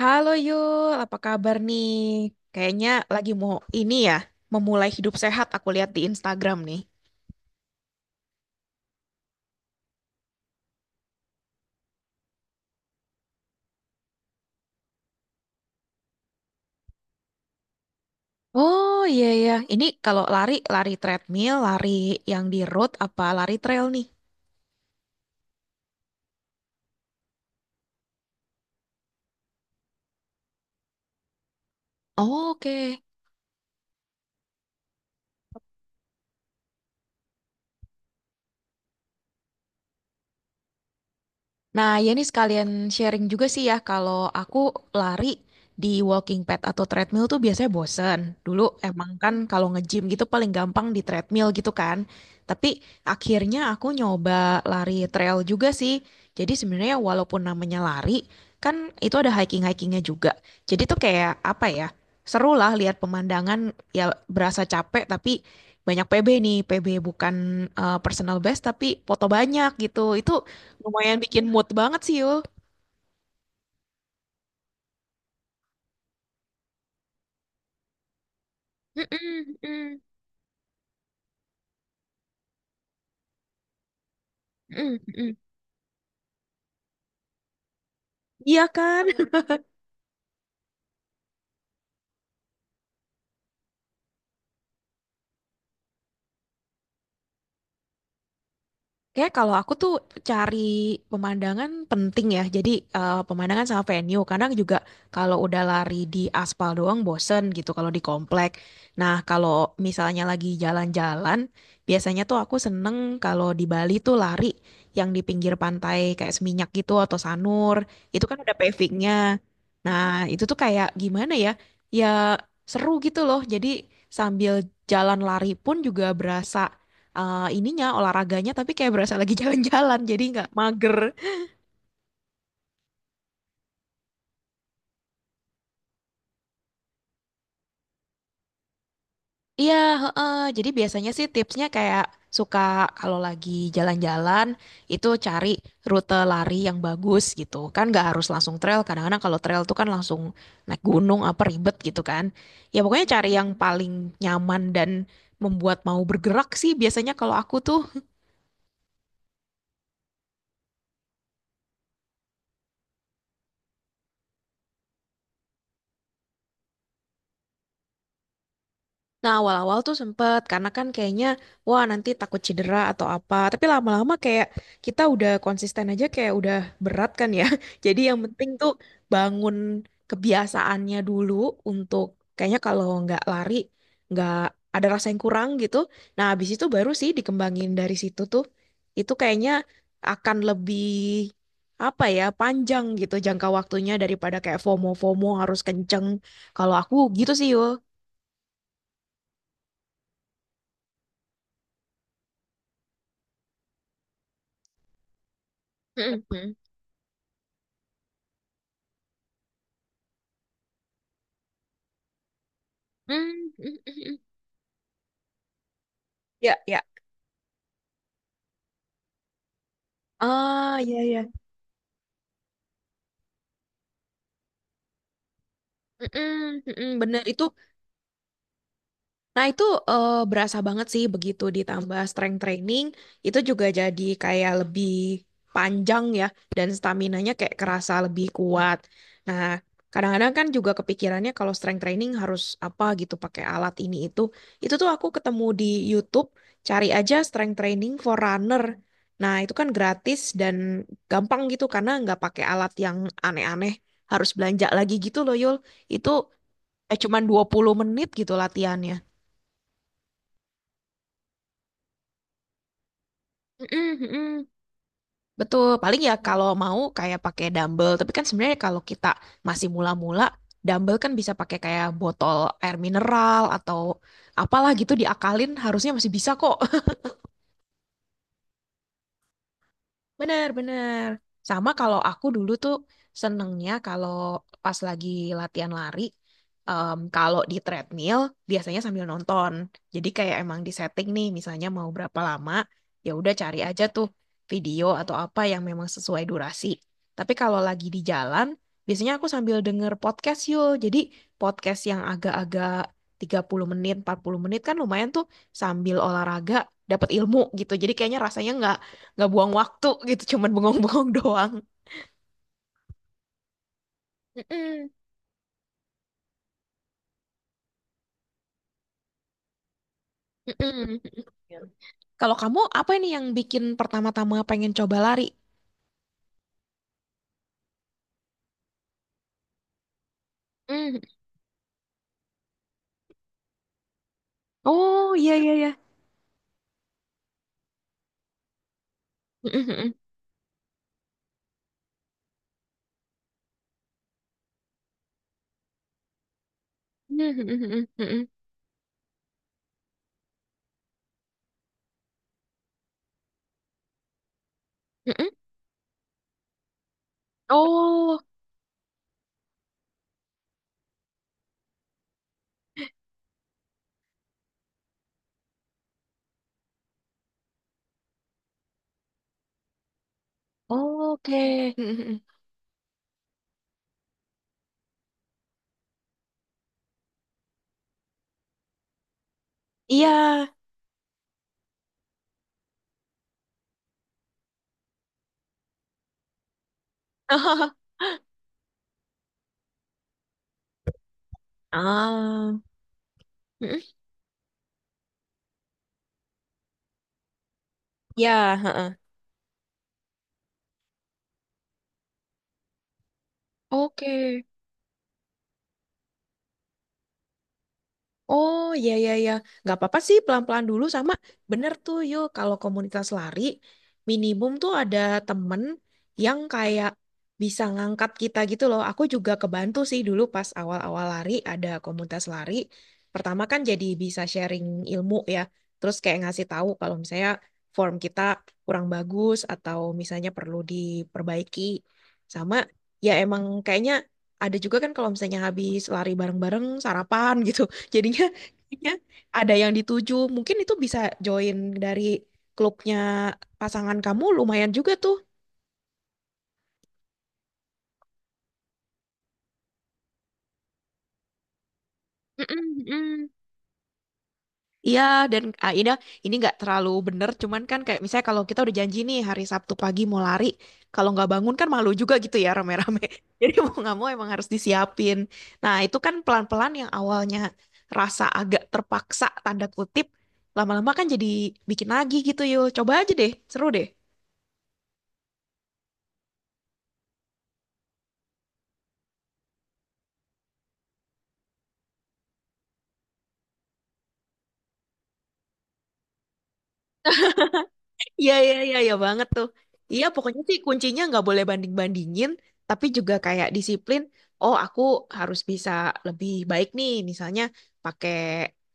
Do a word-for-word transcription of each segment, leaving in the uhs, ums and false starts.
Halo Yul, apa kabar nih? Kayaknya lagi mau ini ya, memulai hidup sehat aku lihat di Instagram nih. Oh iya iya, ini kalau lari lari treadmill, lari yang di road apa lari trail nih? Oh, oke. Nah, ya ini sekalian sharing juga sih ya, kalau aku lari di walking pad atau treadmill tuh biasanya bosen. Dulu emang kan kalau nge-gym gitu paling gampang di treadmill gitu kan. Tapi akhirnya aku nyoba lari trail juga sih. Jadi sebenarnya walaupun namanya lari, kan itu ada hiking-hikingnya juga. Jadi tuh kayak apa ya, seru lah lihat pemandangan ya berasa capek tapi banyak P B nih. P B bukan eh, personal best tapi foto banyak gitu. Itu lumayan bikin mood banget sih, Yul. Mm-mm, mm-mm, mm-mm, mm-mm. Iya kan? Kayak kalau aku tuh cari pemandangan penting ya. Jadi eh, pemandangan sama venue. Kadang juga kalau udah lari di aspal doang bosen gitu kalau di komplek. Nah kalau misalnya lagi jalan-jalan, biasanya tuh aku seneng kalau di Bali tuh lari yang di pinggir pantai kayak Seminyak gitu atau Sanur. Itu kan ada pavingnya. Nah itu tuh kayak gimana ya? Ya seru gitu loh. Jadi sambil jalan lari pun juga berasa eh, ininya olahraganya tapi kayak berasa lagi jalan-jalan jadi nggak mager. Iya, heeh. Jadi biasanya sih tipsnya kayak suka kalau lagi jalan-jalan itu cari rute lari yang bagus gitu. Kan nggak harus langsung trail. Kadang-kadang kalau trail tuh kan langsung naik gunung apa ribet gitu kan. Ya pokoknya cari yang paling nyaman dan membuat mau bergerak sih biasanya kalau aku tuh Nah, awal-awal tuh sempet, karena kan kayaknya, wah nanti takut cedera atau apa. Tapi lama-lama kayak kita udah konsisten aja kayak udah berat kan ya. Jadi yang penting tuh bangun kebiasaannya dulu untuk kayaknya kalau nggak lari, nggak ada rasa yang kurang gitu. Nah, habis itu baru sih dikembangin dari situ tuh. Itu kayaknya akan lebih apa ya panjang gitu jangka waktunya daripada kayak FOMO-FOMO harus kenceng. Kalau aku gitu sih yo. Mm, mm, mm, mm. Ya, ya. Ah, ya, ya. Mm-mm, mm-mm, bener itu. Nah, itu eh, berasa banget sih begitu ditambah strength training, itu juga jadi kayak lebih panjang ya, dan staminanya kayak kerasa lebih kuat. Nah, kadang-kadang kan juga kepikirannya kalau strength training harus apa gitu pakai alat ini itu. Itu tuh aku ketemu di YouTube, cari aja strength training for runner. Nah, itu kan gratis dan gampang gitu karena nggak pakai alat yang aneh-aneh, harus belanja lagi gitu loh, Yul. Itu eh, cuman dua puluh menit gitu latihannya. Mm-mm, mm-mm. Betul, paling ya kalau mau kayak pakai dumbbell, tapi kan sebenarnya kalau kita masih mula-mula, dumbbell kan bisa pakai kayak botol air mineral atau apalah gitu diakalin harusnya masih bisa kok. Benar-benar. Sama kalau aku dulu tuh senengnya kalau pas lagi latihan lari, em, kalau di treadmill biasanya sambil nonton. Jadi kayak emang di setting nih, misalnya mau berapa lama, ya udah cari aja tuh video atau apa yang memang sesuai durasi. Tapi kalau lagi di jalan, biasanya aku sambil denger podcast yuk. Jadi podcast yang agak-agak tiga puluh menit, empat puluh menit kan lumayan tuh sambil olahraga dapat ilmu gitu. Jadi kayaknya rasanya nggak nggak buang waktu gitu cuman bengong-bengong doang. Mm-mm. Mm-mm. Kalau kamu apa ini yang bikin pertama-tama pengen coba lari? Mm. Oh iya iya iya. Mm-mm. Mm-mm. Mm-mm. Mm-mm. Oh oke. Mm-mm. Iya. Ah. Mm-mm. Iya. Heeh. Oke. Oh ya ya ya, nggak apa-apa sih pelan-pelan dulu sama bener tuh yuk kalau komunitas lari minimum tuh ada temen yang kayak bisa ngangkat kita gitu loh. Aku juga kebantu sih dulu pas awal-awal lari ada komunitas lari. Pertama kan jadi bisa sharing ilmu ya, terus kayak ngasih tahu kalau misalnya form kita kurang bagus atau misalnya perlu diperbaiki. Sama ya emang kayaknya ada juga kan kalau misalnya habis lari bareng-bareng sarapan gitu. Jadinya, jadinya ada yang dituju. Mungkin itu bisa join dari klubnya pasangan kamu lumayan juga tuh. Mm, mm-mm. Mm. Iya, dan ah, ini ini nggak terlalu bener, cuman kan kayak misalnya kalau kita udah janji nih hari Sabtu pagi mau lari, kalau nggak bangun kan malu juga gitu ya rame-rame. Jadi mau nggak mau emang harus disiapin. Nah, itu kan pelan-pelan yang awalnya rasa agak terpaksa tanda kutip, lama-lama kan jadi bikin lagi gitu yuk. Coba aja deh, seru deh. Iya, iya, iya, iya banget tuh. Iya, pokoknya sih kuncinya nggak boleh banding-bandingin, tapi juga kayak disiplin. Oh, aku harus bisa lebih baik nih, misalnya pakai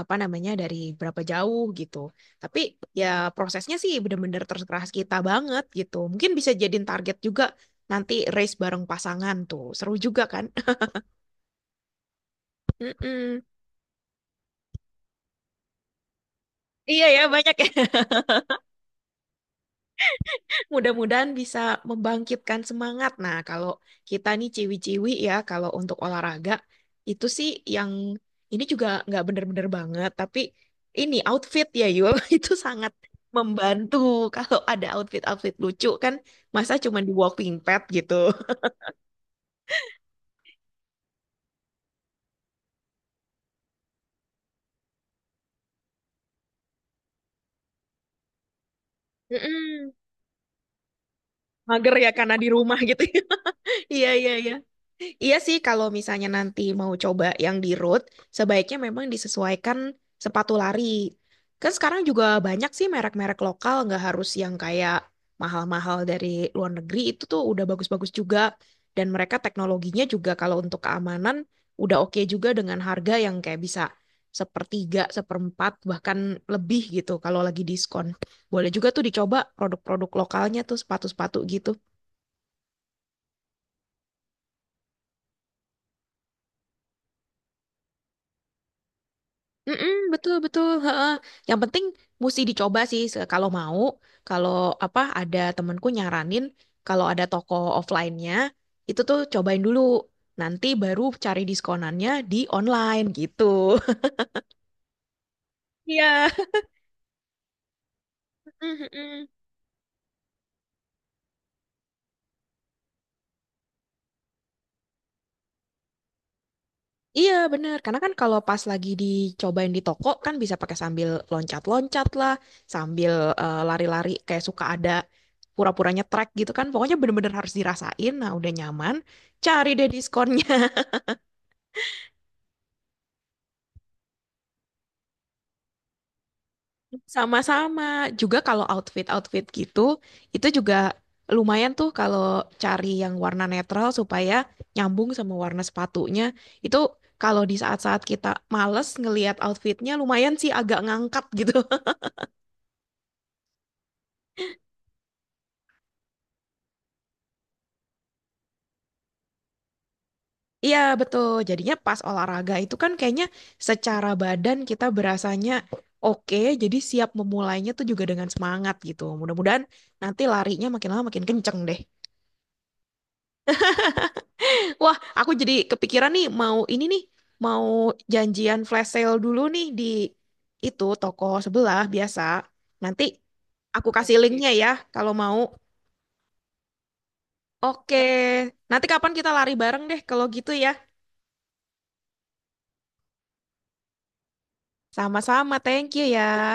apa namanya dari berapa jauh gitu. Tapi ya prosesnya sih bener-bener terserah kita banget gitu. Mungkin bisa jadiin target juga nanti race bareng pasangan tuh. Seru juga kan? Mm-mm. Iya ya, banyak ya. Mudah-mudahan bisa membangkitkan semangat. Nah, kalau kita nih ciwi-ciwi ya, kalau untuk olahraga, itu sih yang ini juga nggak bener-bener banget. Tapi ini outfit ya Yul, itu sangat membantu. Kalau ada outfit-outfit lucu kan, masa cuma di walking pad gitu. Mm-mm. Mager ya karena di rumah gitu. Iya, iya, iya. Iya sih, kalau misalnya nanti mau coba yang di road, sebaiknya memang disesuaikan sepatu lari. Kan sekarang juga banyak sih merek-merek lokal, nggak harus yang kayak mahal-mahal dari luar negeri, itu tuh udah bagus-bagus juga. Dan mereka teknologinya juga kalau untuk keamanan, udah oke juga dengan harga yang kayak bisa sepertiga, seperempat, bahkan lebih gitu kalau lagi diskon. Boleh juga tuh dicoba produk-produk lokalnya tuh sepatu-sepatu gitu. Mm-mm, betul betul. Heeh. Yang penting mesti dicoba sih se- kalau mau. Kalau apa ada temenku nyaranin kalau ada toko offline-nya itu tuh cobain dulu. Nanti baru cari diskonannya di online gitu. Iya. Mm-mm. Iya bener, karena kan kalau pas lagi dicobain di toko kan bisa pakai sambil loncat-loncat lah, sambil eh, lari-lari kayak suka ada pura-puranya track gitu kan. Pokoknya bener-bener harus dirasain, nah udah nyaman, cari deh diskonnya. Sama-sama. Juga kalau outfit-outfit gitu, itu juga lumayan tuh kalau cari yang warna netral supaya nyambung sama warna sepatunya. Itu kalau di saat-saat kita males ngelihat outfitnya lumayan sih agak ngangkat gitu. Iya, betul. Jadinya pas olahraga itu kan kayaknya secara badan kita berasanya oke, jadi siap memulainya tuh juga dengan semangat gitu. Mudah-mudahan nanti larinya makin lama makin kenceng deh. Wah, aku jadi kepikiran nih mau ini nih, mau janjian flash sale dulu nih di itu toko sebelah biasa. Nanti aku kasih linknya ya kalau mau. Oke, nanti kapan kita lari bareng deh kalau gitu ya. Sama-sama, thank you ya.